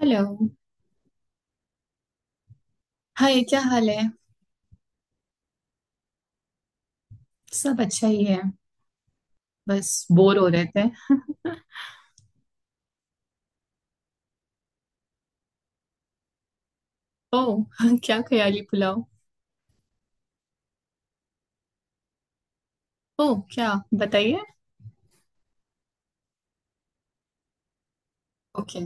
Hello. Hi, क्या हाल है? सब अच्छा ही है, बस बोर हो रहे थे। ओह क्या ख्याली पुलाव? ओह, क्या? बताइए। ओके,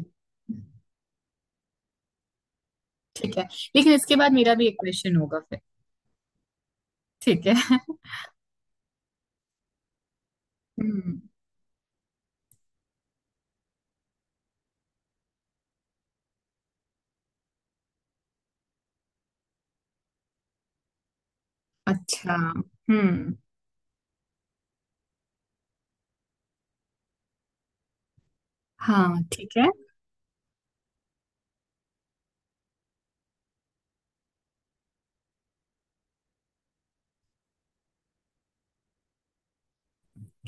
ठीक है। लेकिन इसके बाद मेरा भी एक क्वेश्चन होगा फिर। ठीक है हम्म। अच्छा, हम्म। हाँ, ठीक है।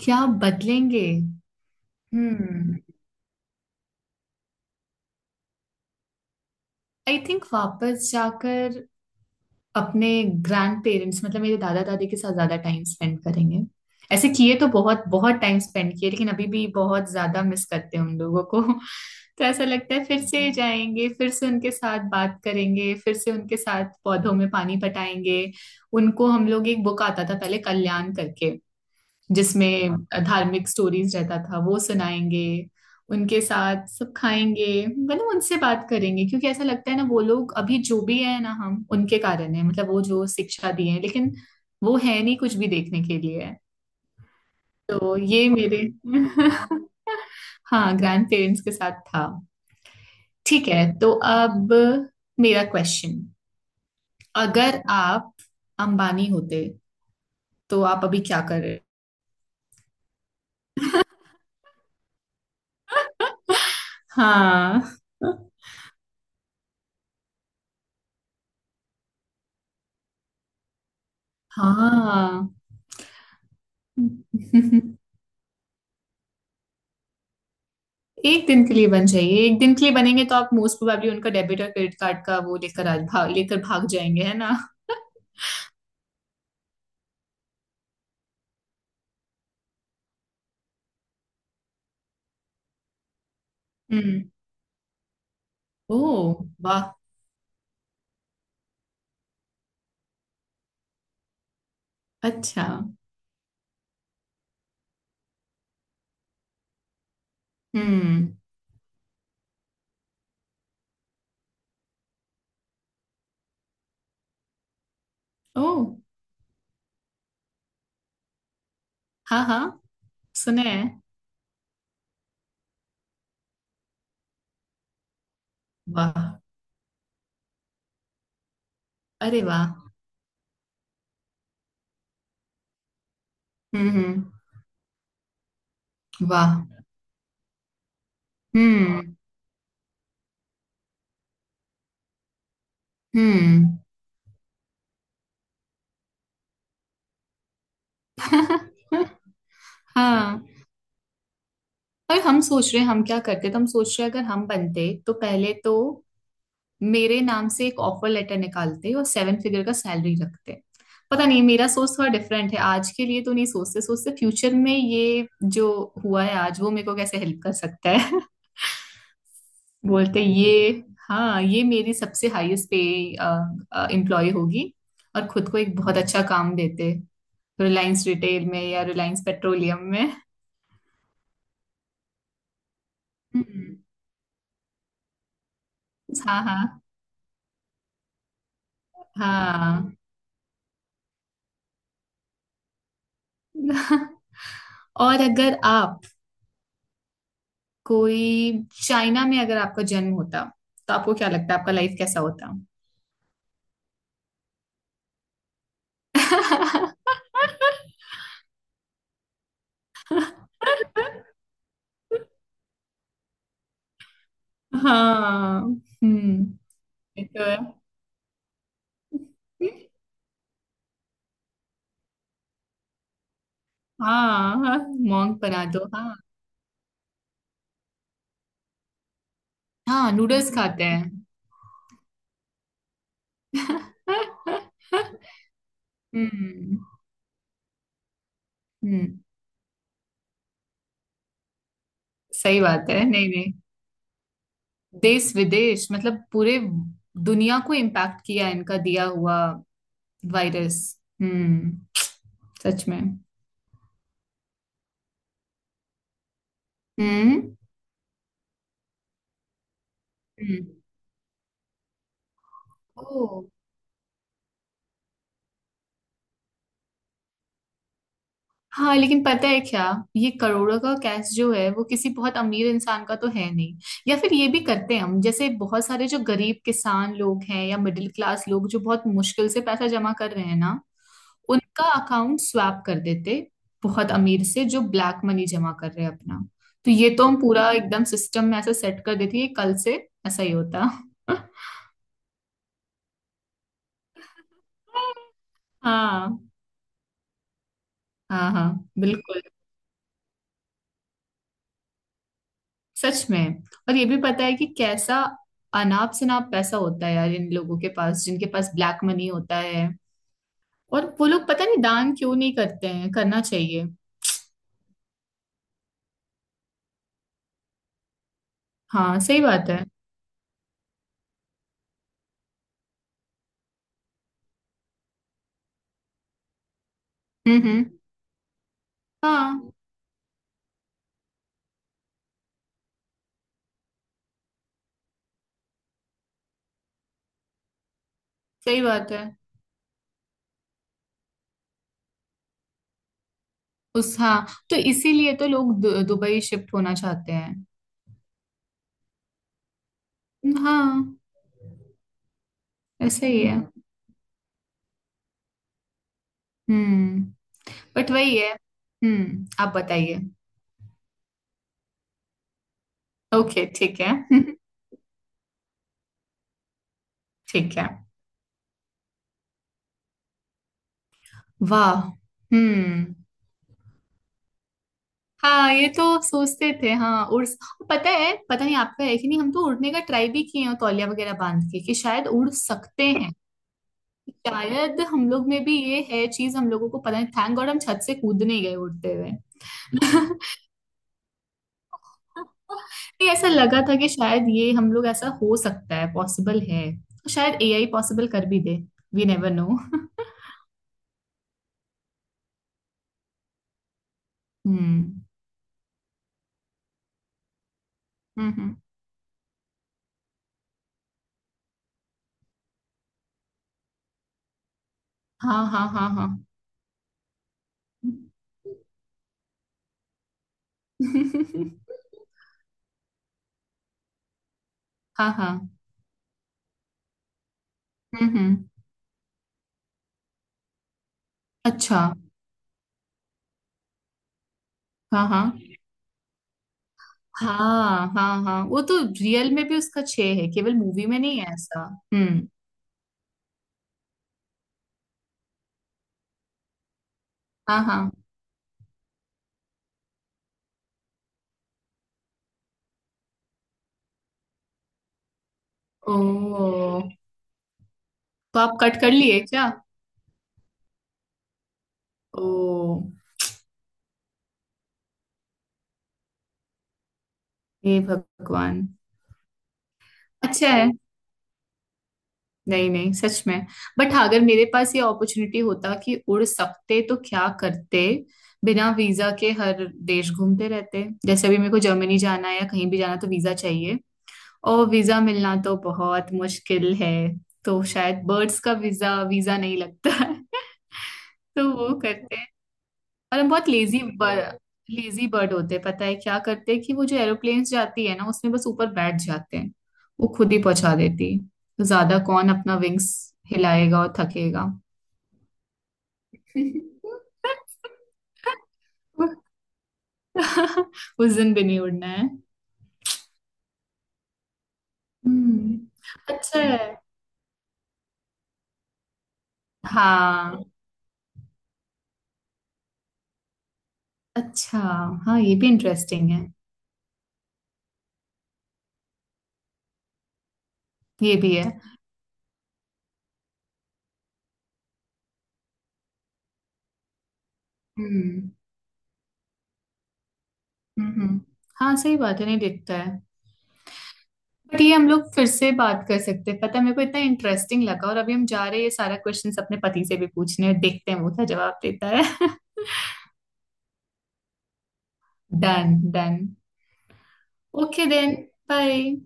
क्या बदलेंगे? हम्म आई थिंक वापस जाकर अपने ग्रैंड पेरेंट्स, मतलब मेरे दादा दादी के साथ ज्यादा टाइम स्पेंड करेंगे। ऐसे किए तो बहुत बहुत टाइम स्पेंड किए, लेकिन अभी भी बहुत ज्यादा मिस करते हैं उन लोगों को तो ऐसा लगता है, फिर से जाएंगे, फिर से उनके साथ बात करेंगे, फिर से उनके साथ पौधों में पानी पटाएंगे। उनको, हम लोग एक बुक आता था पहले, कल्याण करके, जिसमें हाँ धार्मिक स्टोरीज रहता था, वो सुनाएंगे। उनके साथ सब खाएंगे, मतलब उनसे बात करेंगे। क्योंकि ऐसा लगता है ना, वो लोग अभी जो भी है ना, हम उनके कारण है, मतलब वो जो शिक्षा दी है। लेकिन वो है नहीं कुछ भी देखने के लिए। तो ये मेरे हाँ ग्रैंड पेरेंट्स के साथ था। ठीक है, तो अब मेरा क्वेश्चन। अगर आप अंबानी होते तो आप अभी क्या कर रहे? हाँ। हाँ एक दिन के लिए बन जाइए, एक दिन के लिए बनेंगे तो आप मोस्ट प्रोबेबली उनका डेबिट और क्रेडिट कार्ड का वो लेकर, आज भाग लेकर भाग जाएंगे, है ना। हम्म। ओ, वाह। अच्छा। हम्म। ओ। हाँ हाँ, सुने हैं। वाह। अरे वाह। हम्म, हम्म। वाह। हम्म हम्म हाँ। पर हम सोच रहे हैं हम क्या करते, तो हम सोच रहे हैं, अगर हम बनते तो पहले तो मेरे नाम से एक ऑफर लेटर निकालते और सेवन फिगर का सैलरी रखते। पता नहीं मेरा सोच थोड़ा डिफरेंट है, आज के लिए तो नहीं सोचते, सोचते फ्यूचर में। ये जो हुआ है आज, वो मेरे को कैसे हेल्प कर सकता है। बोलते ये, हाँ, ये मेरी सबसे हाईएस्ट पे एम्प्लॉय होगी। और खुद को एक बहुत अच्छा काम देते, रिलायंस रिटेल में या रिलायंस पेट्रोलियम में। हम्म, हाँ हाँ हाँ और अगर आप कोई, चाइना में अगर आपका जन्म होता तो आपको क्या लगता है आपका लाइफ कैसा होता? हाँ। हम्म, ये तो है। हाँ हाँ, मोंग बना दो, हाँ। हाँ, नूडल्स खाते हैं। हम्म हम्म। सही बात है, नहीं नहीं। देश विदेश मतलब पूरे दुनिया को इम्पैक्ट किया इनका दिया हुआ वायरस। हम्म, सच में। हम्म। हम्म। ओह। हाँ, लेकिन पता है क्या, ये करोड़ों का कैश जो है वो किसी बहुत अमीर इंसान का तो है नहीं। या फिर ये भी करते हैं, हम जैसे बहुत सारे जो गरीब किसान लोग हैं या मिडिल क्लास लोग जो बहुत मुश्किल से पैसा जमा कर रहे हैं ना, उनका अकाउंट स्वैप कर देते बहुत अमीर से जो ब्लैक मनी जमा कर रहे हैं अपना। तो ये तो हम पूरा एकदम सिस्टम में ऐसा सेट कर देते हैं कि कल से ऐसा ही होता हाँ हाँ, हाँ बिल्कुल, सच में। और ये भी पता है कि कैसा अनाप शनाप पैसा होता है यार इन लोगों के पास, जिनके पास ब्लैक मनी होता है। और वो लोग पता नहीं दान क्यों नहीं करते हैं, करना चाहिए। हाँ, सही बात है। हम्म। हम्म। हाँ सही बात है। उस, हाँ, तो इसीलिए तो लोग दुबई शिफ्ट होना चाहते हैं। हाँ, ऐसा ही है। हम्म, बट वही है। हम्म, आप बताइए। ओके, ठीक है ठीक है। वाह। हम्म। हाँ, ये तो सोचते थे, हाँ, उड़, पता है, पता नहीं आपका है कि नहीं, हम तो उड़ने का ट्राई भी किए हैं तौलिया वगैरह बांध के, कि शायद उड़ सकते हैं। शायद हम लोग में भी ये है चीज, हम लोगों को पता नहीं, थैंक गॉड हम छत से कूद नहीं गए उड़ते हुए। नहीं, ऐसा लगा था कि शायद ये हम लोग, ऐसा हो सकता है, पॉसिबल है। शायद एआई पॉसिबल कर भी दे। वी नेवर नो हम्म हम्म। हाँ हाँ हाँ हाँ हाँ हाँ। हम्म। अच्छा। हाँ हाँ हाँ हाँ, हाँ वो तो रियल में भी उसका छह है, केवल मूवी में नहीं है ऐसा। हम्म। हाँ हाँ। ओ, तो आप कट कर लिए क्या? ओ, हे भगवान। अच्छा है। नहीं नहीं, सच में। बट हाँ, अगर मेरे पास ये अपॉर्चुनिटी होता कि उड़ सकते तो क्या करते। बिना वीजा के हर देश घूमते रहते, जैसे अभी मेरे को जर्मनी जाना है या कहीं भी जाना तो वीजा चाहिए। और वीजा मिलना तो बहुत मुश्किल है। तो शायद बर्ड्स का वीजा वीजा नहीं लगता है। तो वो करते हैं। और हम बहुत लेजी, हाँ, लेजी बर्ड होते हैं, पता है क्या करते हैं कि वो जो एरोप्लेन जाती है ना, उसमें बस ऊपर बैठ जाते हैं, वो खुद ही पहुंचा देती है। तो ज्यादा कौन अपना विंग्स हिलाएगा और थकेगा। उस दिन भी नहीं उड़ना है। हम्म, अच्छा है। हाँ, अच्छा, हाँ ये भी इंटरेस्टिंग है। ये भी है। हम्म, हम्म। हम्म। हाँ सही बात है, नहीं दिखता है। बट ये हम लोग फिर से बात कर सकते हैं, पता है, मेरे को इतना इंटरेस्टिंग लगा और अभी हम जा रहे हैं ये सारा क्वेश्चंस अपने पति से भी पूछने, और देखते हैं वो क्या जवाब देता है done done. Okay then, bye.